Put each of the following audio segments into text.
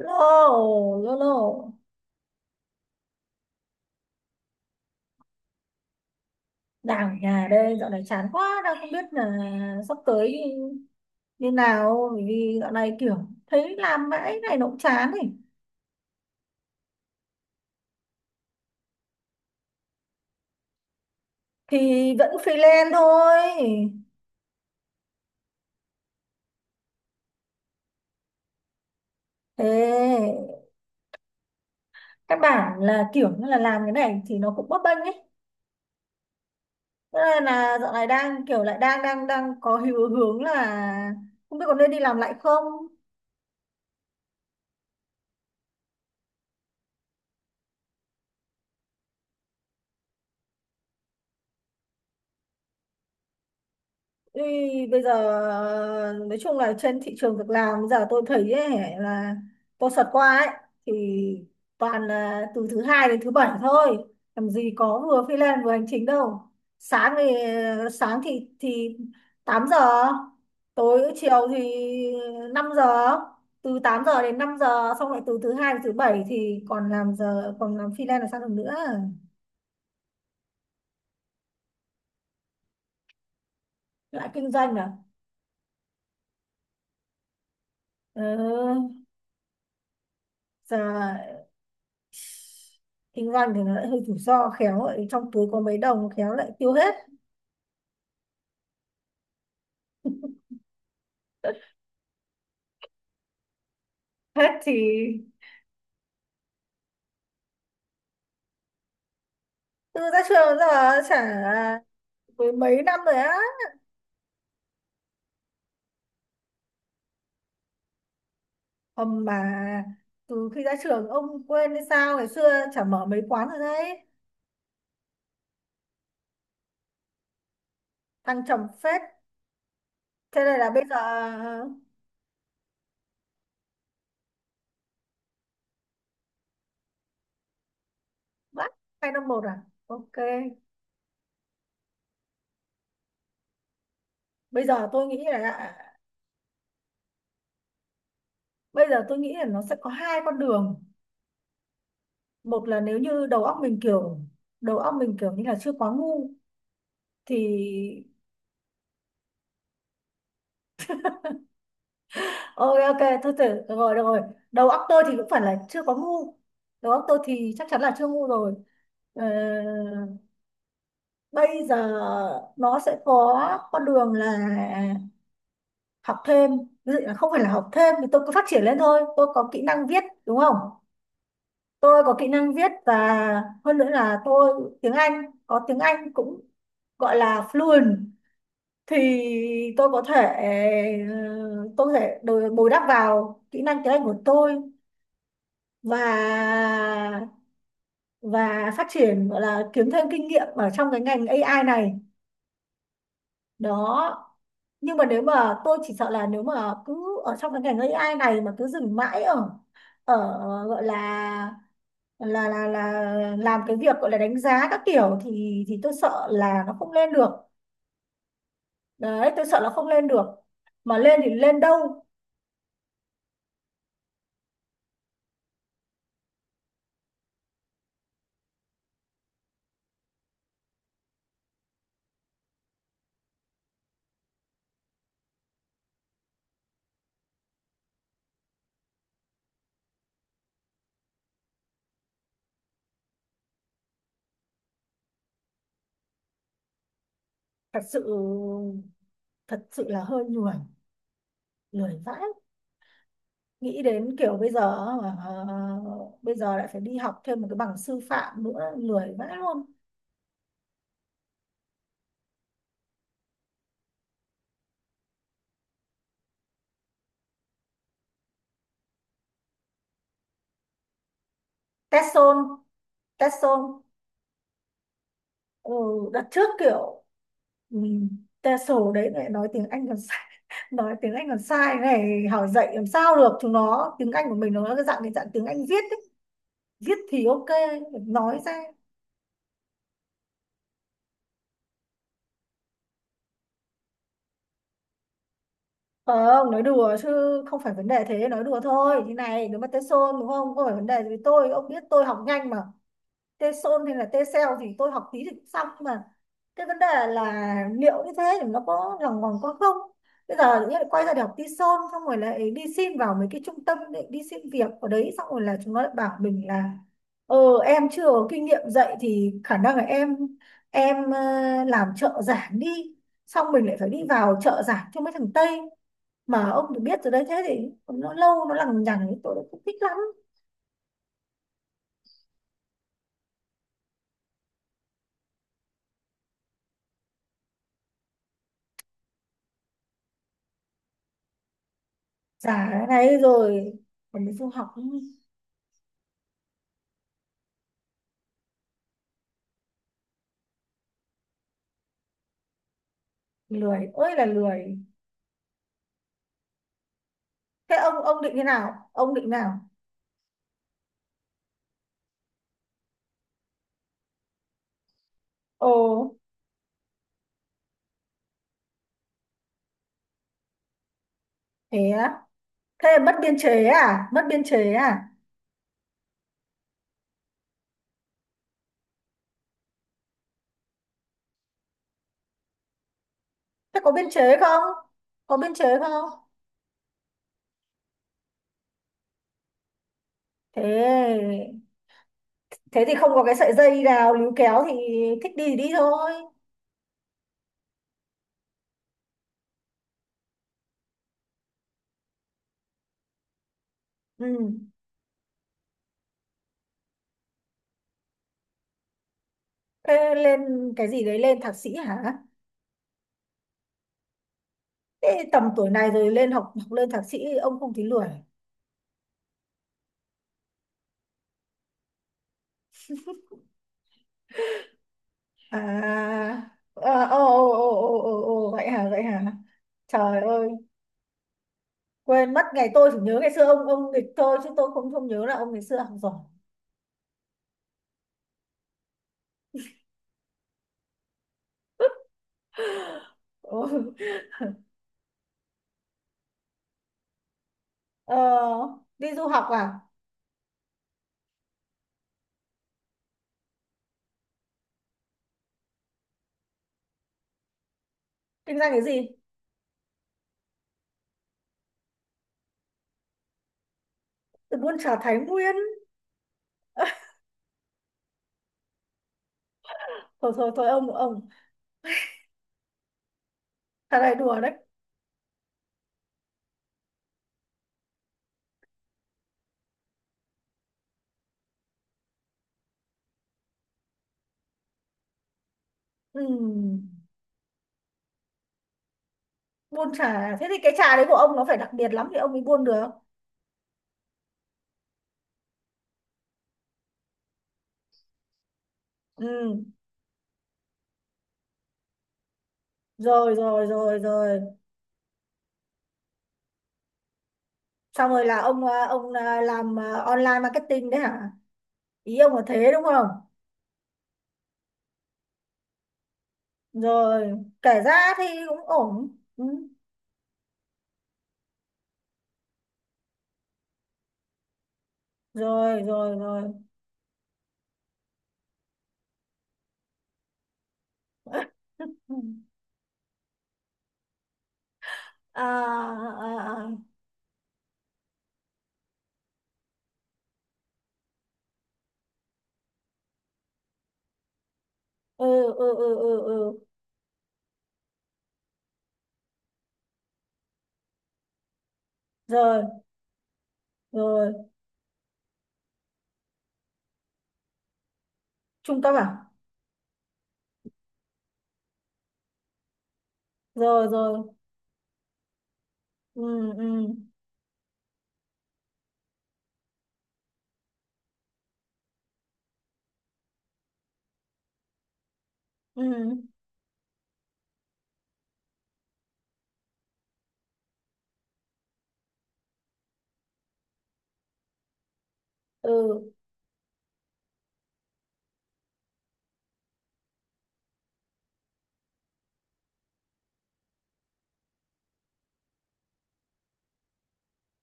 Lô, lô lô. Đang ở nhà đây. Dạo này chán quá, đang không biết là sắp tới như nào, bởi vì dạo này kiểu thấy làm mãi này nó cũng chán ấy. Thì vẫn freelance thôi. Thế các bạn là kiểu như là làm cái này thì nó cũng bấp bênh ấy. Thế nên là dạo này đang kiểu lại đang đang đang có hiệu hướng là không biết có nên đi làm lại không. Ý, bây giờ nói chung là trên thị trường việc làm bây giờ tôi thấy ấy, là tôi sợt qua ấy, thì toàn là từ thứ hai đến thứ bảy thôi, làm gì có vừa freelance vừa hành chính đâu. Sáng thì sáng thì thì 8 giờ tối, chiều thì 5 giờ. Từ 8 giờ đến 5 giờ, xong lại từ thứ hai đến thứ bảy thì còn làm giờ, còn làm freelance là sao được nữa. Lại kinh doanh à? Ừ, giờ kinh doanh thì nó lại hơi rủi ro, khéo lại trong túi có mấy đồng khéo lại tiêu hết. Hết thì, từ ra trường giờ chả mười mấy năm rồi á. Hầm mà, từ khi ra trường ông quên hay sao, ngày xưa chả mở mấy quán rồi đấy. Thăng trầm phết. Thế này là bây giờ bắt 2 năm một à? OK. Bây giờ tôi nghĩ là bây giờ tôi nghĩ là nó sẽ có hai con đường. Một là nếu như đầu óc mình kiểu như là chưa quá ngu thì, OK, ok thôi, thử được rồi, được rồi. Đầu óc tôi thì cũng phải là chưa có ngu, đầu óc tôi thì chắc chắn là chưa ngu rồi. Ờ, bây giờ nó sẽ có con đường là học thêm. Ví dụ là không phải là học thêm, thì tôi cứ phát triển lên thôi. Tôi có kỹ năng viết đúng không. Tôi có kỹ năng viết, và hơn nữa là tôi tiếng Anh, có tiếng Anh cũng gọi là fluent. Thì tôi có thể, ờ, tôi có thể bồi bồi đắp vào kỹ năng tiếng Anh của tôi, và và phát triển, gọi là kiếm thêm kinh nghiệm ở trong cái ngành AI này đó. Nhưng mà nếu mà tôi chỉ sợ là nếu mà cứ ở trong cái ngành AI này mà cứ dừng mãi ở, ở gọi là làm cái việc gọi là đánh giá các kiểu, thì tôi sợ là nó không lên được. Đấy, tôi sợ là không lên được, mà lên thì lên đâu. Thật sự thật sự là hơi lười, lười vãi. Nghĩ đến kiểu bây giờ, ờ, bây giờ lại phải đi học thêm một cái bằng sư phạm nữa, lười vãi luôn. TESOL, TESOL. Ừ, đặt trước kiểu, ừ, TESOL đấy lại nói tiếng Anh còn sai. Nói tiếng Anh còn sai này hỏi dạy làm sao được chúng nó. Tiếng Anh của mình nó là cái dạng tiếng Anh viết ấy. Viết thì ok, nói ra, không nói đùa chứ, không phải vấn đề, thế nói đùa thôi. Như này nếu mà TESOL đúng không, không phải vấn đề gì với tôi, ông biết tôi học nhanh mà. T-son hay là T-cell thì tôi học tí thì cũng xong mà. Cái vấn đề là liệu như thế thì nó có lòng vòng có không. Bây giờ tự nhiên lại quay ra để học T-son, xong rồi lại đi xin vào mấy cái trung tâm để đi xin việc ở đấy, xong rồi là chúng nó lại bảo mình là, ờ em chưa có kinh nghiệm dạy thì khả năng là em, em làm trợ giảng đi. Xong mình lại phải đi vào trợ giảng cho mấy thằng Tây, mà ông được biết rồi đấy, thế thì nó lâu, nó lằng nhằng, tôi cũng không thích lắm. Giả này rồi còn mình du học. Lười ơi là lười. Thế ông định thế nào, ông định nào? Ồ. Thế á? Thế mất biên chế à, mất biên chế à? Thế có biên chế không, có biên chế không? Thế thế thì không có cái sợi dây nào líu kéo thì thích đi thì đi thôi. Ừ. Thế lên cái gì đấy, lên thạc sĩ hả? Thế tầm tuổi này rồi lên học học lên thạc sĩ ông không thấy lười? À, à, ồ, ồ, ồ, ồ, ồ, ồ, vậy hả, vậy hả? Trời ơi, quên mất. Ngày tôi chỉ nhớ ngày xưa ông nghịch thôi, chứ tôi không không nhớ là ông ngày xưa học giỏi. Ừ. Ờ, đi du học à? Kinh doanh cái gì? Từ buôn trà Thái Nguyên? Thôi thôi thôi, ông. Trà này đùa đấy. Ừ, buôn trà à? Thế thì cái trà đấy của ông nó phải đặc biệt lắm thì ông mới buôn được. Ừ. Rồi rồi rồi rồi. Xong rồi là ông à, làm à, online marketing đấy hả? Ý ông là thế đúng không. Rồi, kể ra thì cũng ổn. Ừ. Rồi rồi rồi. À, à, à, à. Ừ, ừ, ừ, ừ, ừ. Rồi rồi. Trung cấp à? Rồi rồi. Ừ, ừ, ừ, ừ.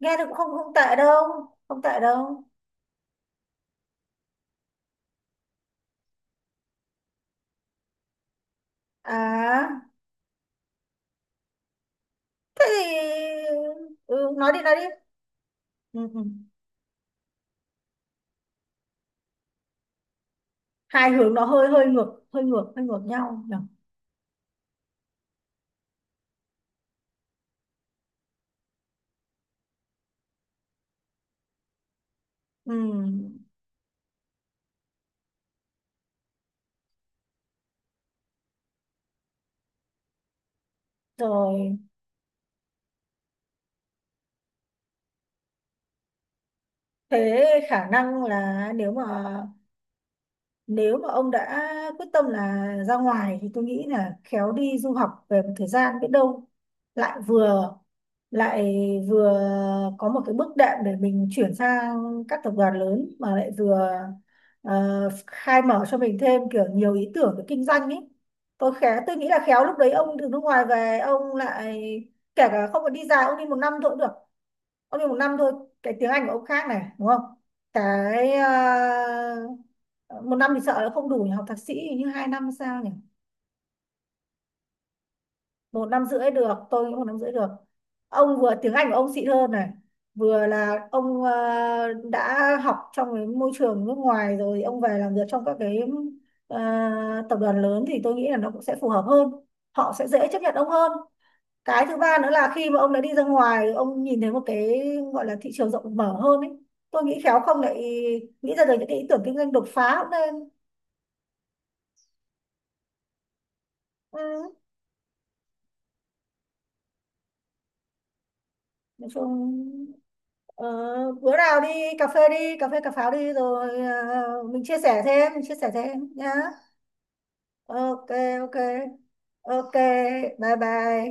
Nghe thì cũng không không tệ đâu, không tệ đâu. À, thế thì, ừ, nói đi nói đi. Ừ, ừ. Hai hướng nó hơi hơi ngược, hơi ngược, hơi ngược nhau nhỉ. Ừ. Rồi. Thế khả năng là nếu mà ông đã quyết tâm là ra ngoài, thì tôi nghĩ là khéo đi du học về một thời gian biết đâu lại vừa lại vừa có một cái bước đệm để mình chuyển sang các tập đoàn lớn, mà lại vừa, ờ, khai mở cho mình thêm kiểu nhiều ý tưởng về kinh doanh ấy. Tôi nghĩ là khéo lúc đấy ông từ nước ngoài về ông lại, kể cả không phải đi dài, ông đi 1 năm thôi cũng được, ông đi 1 năm thôi. Cái tiếng Anh của ông khác này đúng không. Cái, ờ, 1 năm thì sợ là không đủ nhỉ, học thạc sĩ hình như 2 năm hay sao nhỉ. 1 năm rưỡi được, tôi nghĩ 1 năm rưỡi được. Ông vừa tiếng Anh của ông xịn hơn này, vừa là ông, đã học trong cái môi trường nước ngoài rồi, ông về làm việc trong các cái, ờ, tập đoàn lớn thì tôi nghĩ là nó cũng sẽ phù hợp hơn, họ sẽ dễ chấp nhận ông hơn. Cái thứ ba nữa là khi mà ông đã đi ra ngoài, ông nhìn thấy một cái gọi là thị trường rộng mở hơn ấy. Tôi nghĩ khéo không lại nghĩ ra được những cái ý tưởng kinh doanh đột phá cũng nên. Ừ. Nói chung, ờ, bữa nào đi cà phê, đi cà phê cà pháo đi, rồi, mình chia sẻ thêm, mình chia sẻ thêm nhá. OK, ok, ok. Bye bye.